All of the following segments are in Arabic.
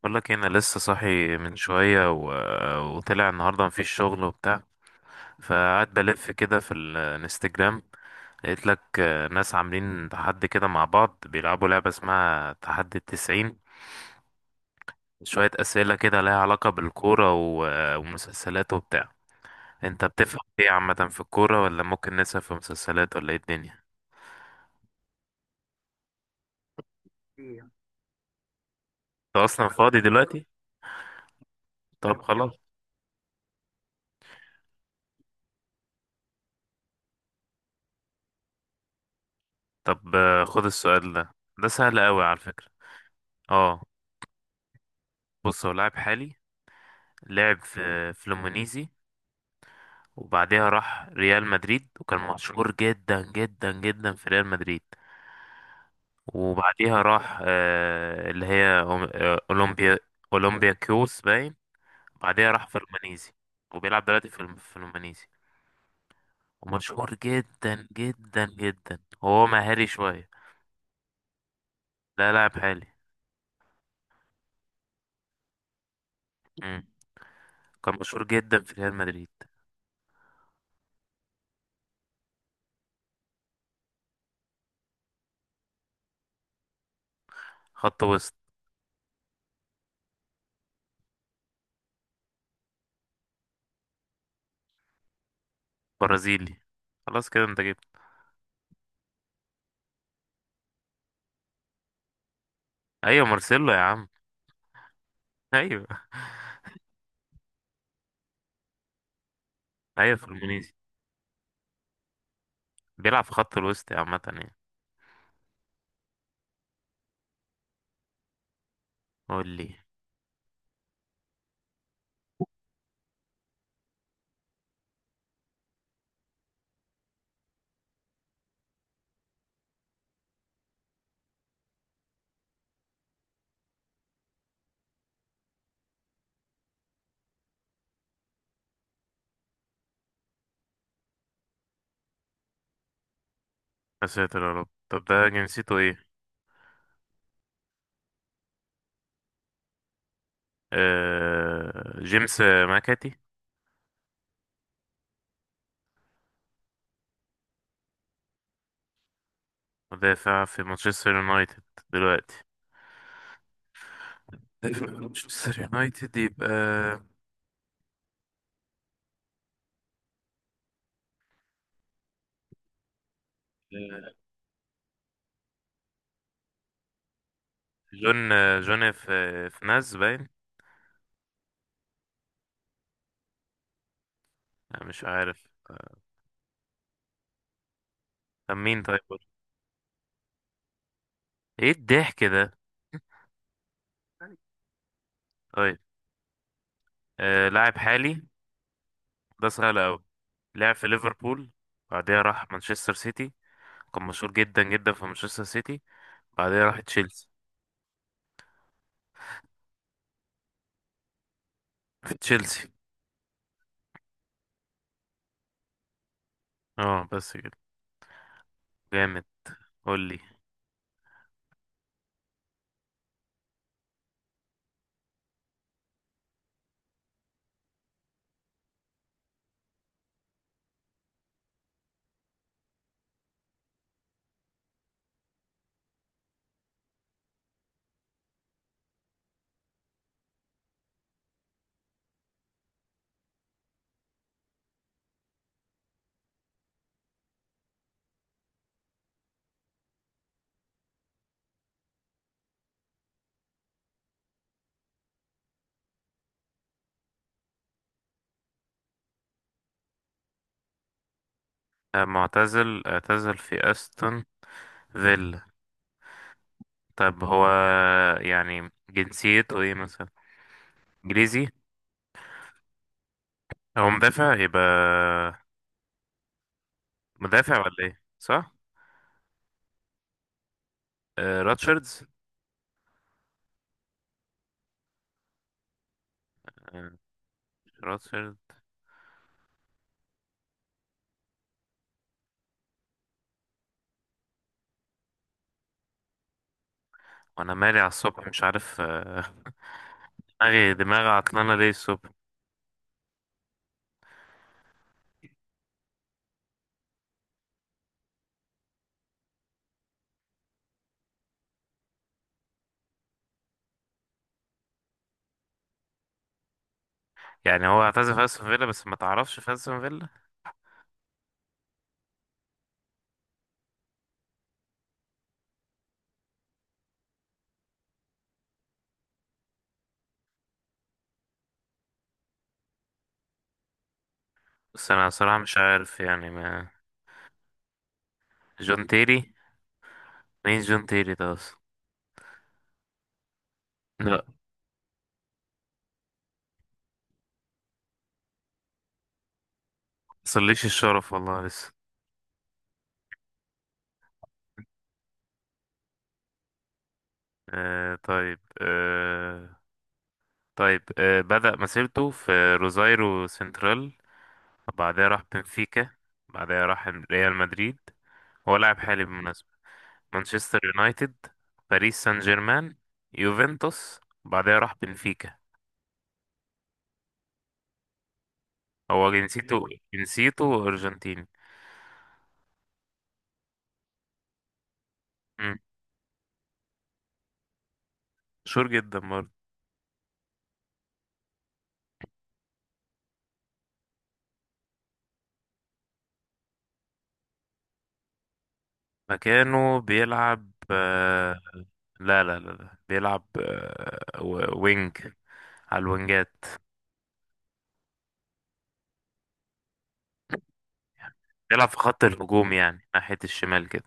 بقول لك إيه، انا لسه صاحي من شويه و... وطلع النهارده مفيش شغل وبتاع. فقعدت بلف كده في الانستجرام. لقيت لك ناس عاملين تحدي كده مع بعض بيلعبوا لعبه اسمها تحدي التسعين. شويه اسئله كده لها علاقه بالكوره ومسلسلات وبتاع. انت بتفهم ايه عامه في الكوره، ولا ممكن نسأل في مسلسلات، ولا ايه الدنيا؟ انت اصلا فاضي دلوقتي؟ طب خلاص. طب خد السؤال ده، ده سهل قوي على فكره. اه. بص هو لاعب حالي. لعب في فلومينيزي، وبعدها راح ريال مدريد، وكان مشهور جدا جدا جدا في ريال مدريد. وبعدها راح اللي هي أولمبيا. أولمبيا كيوس باين. بعدها راح فلومينيزي. وبيلعب دلوقتي في في فلومينيزي. ومشهور جدا جدا جدا، هو مهاري شوية. لا، لاعب حالي. مم. كان مشهور جدا في ريال مدريد. خط وسط. برازيلي. خلاص كده انت جبت. ايوه مارسيلو يا عم. ايوه. ايوه فلومينيزي. بيلعب في خط الوسط عامة يعني. قول لي. يا ساتر يا رب، طب ده جنسيته ايه؟ جيمس ماكاتي. مدافع في مانشستر يونايتد دلوقتي. مدافع في مانشستر يونايتد يبقى. جون جون في ناز باين. لا، مش عارف طب مين طيب قول. ايه الضحك ده. طيب. لاعب حالي. ده سهل أوي. لعب في ليفربول. بعدها راح مانشستر سيتي. كان مشهور جدا جدا في مانشستر سيتي. بعدها راح تشيلسي. في تشيلسي. اه بس كده. جامد. قولي. معتزل، اعتزل في استون فيلا. طب هو يعني جنسيته ايه مثلا؟ انجليزي. هو مدافع يبقى. مدافع ولا ايه، صح؟ راتشاردز. آه مش راتشارد. وانا مالي على الصبح، مش عارف دماغي دماغي عطلانه ليه الصبح. يعني هو اعتزل في استون فيلا، بس ما تعرفش في استون فيلا؟ بس انا صراحه مش عارف يعني ما. جون تيري. مين جون تيري ده اصلا؟ لا. مصليش الشرف والله لسه. طيب، طيب، بدأ مسيرته في روزايرو سنترال. بعدها راح بنفيكا. بعدها راح ريال مدريد. هو لاعب حالي بالمناسبة. مانشستر يونايتد. باريس سان جيرمان. يوفنتوس. بعدها راح بنفيكا. هو جنسيته أرجنتيني. مم. مشهور جدا برضه. مكانه بيلعب. لا لا لا لا، بيلعب وينج. على الوينجات. بيلعب في خط الهجوم يعني ناحية الشمال كده.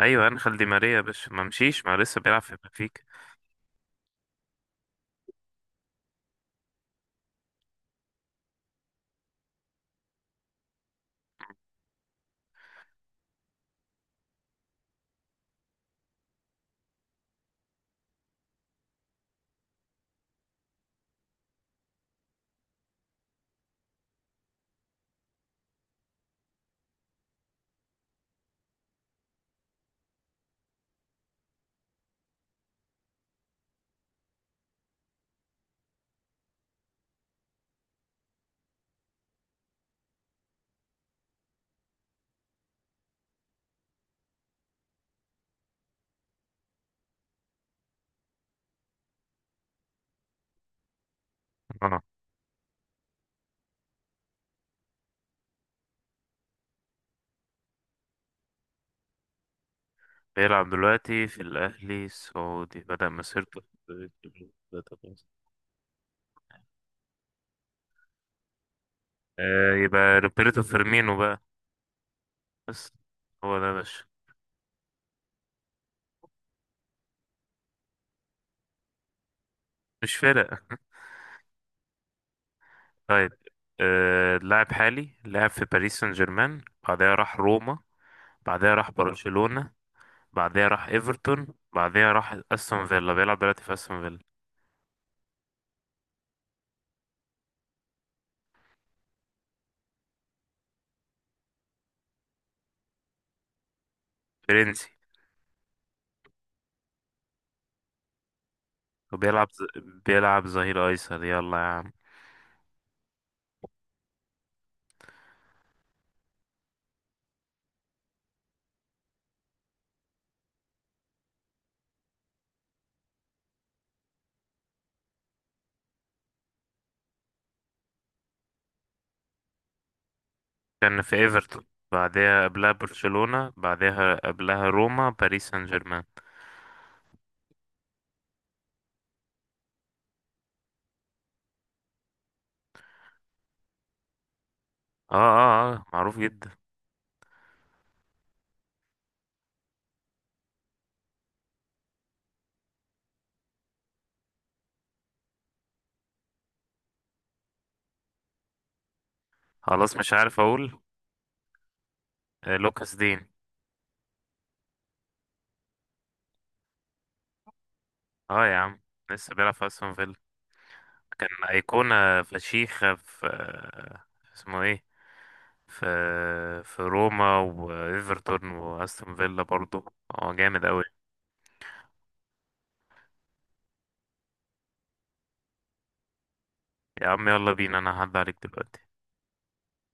أيوة أنخيل دي ماريا يا باشا، ما مشيش، ما لسه بيلعب في بنفيكا. اه. بيلعب دلوقتي في الأهلي السعودي. بدأ مسيرته الأهلي السعودي. يبقى روبرتو فيرمينو بقى. بس هو ده يا باشا. مش فرق. طيب لاعب حالي. لعب في باريس سان جيرمان. بعدها راح روما. بعدها راح برشلونة. بعدها راح ايفرتون. بعدها راح استون فيلا، بيلعب دلوقتي في استون فيلا. فرنسي. وبيلعب ز- بيلعب ظهير ايسر يلا يا عم. كان في ايفرتون، بعدها قبلها برشلونة، بعدها قبلها روما، باريس سان جيرمان. اه، اه، اه، معروف جدا. خلاص مش عارف اقول. لوكاس دين. اه يا عم. لسه بيلعب في استون فيلا. كان ايقونة فشيخة في، اسمه ايه، في في روما وايفرتون واستون فيلا برضه. هو جامد قوي. يا عم يلا بينا، انا هعدي عليك دلوقتي.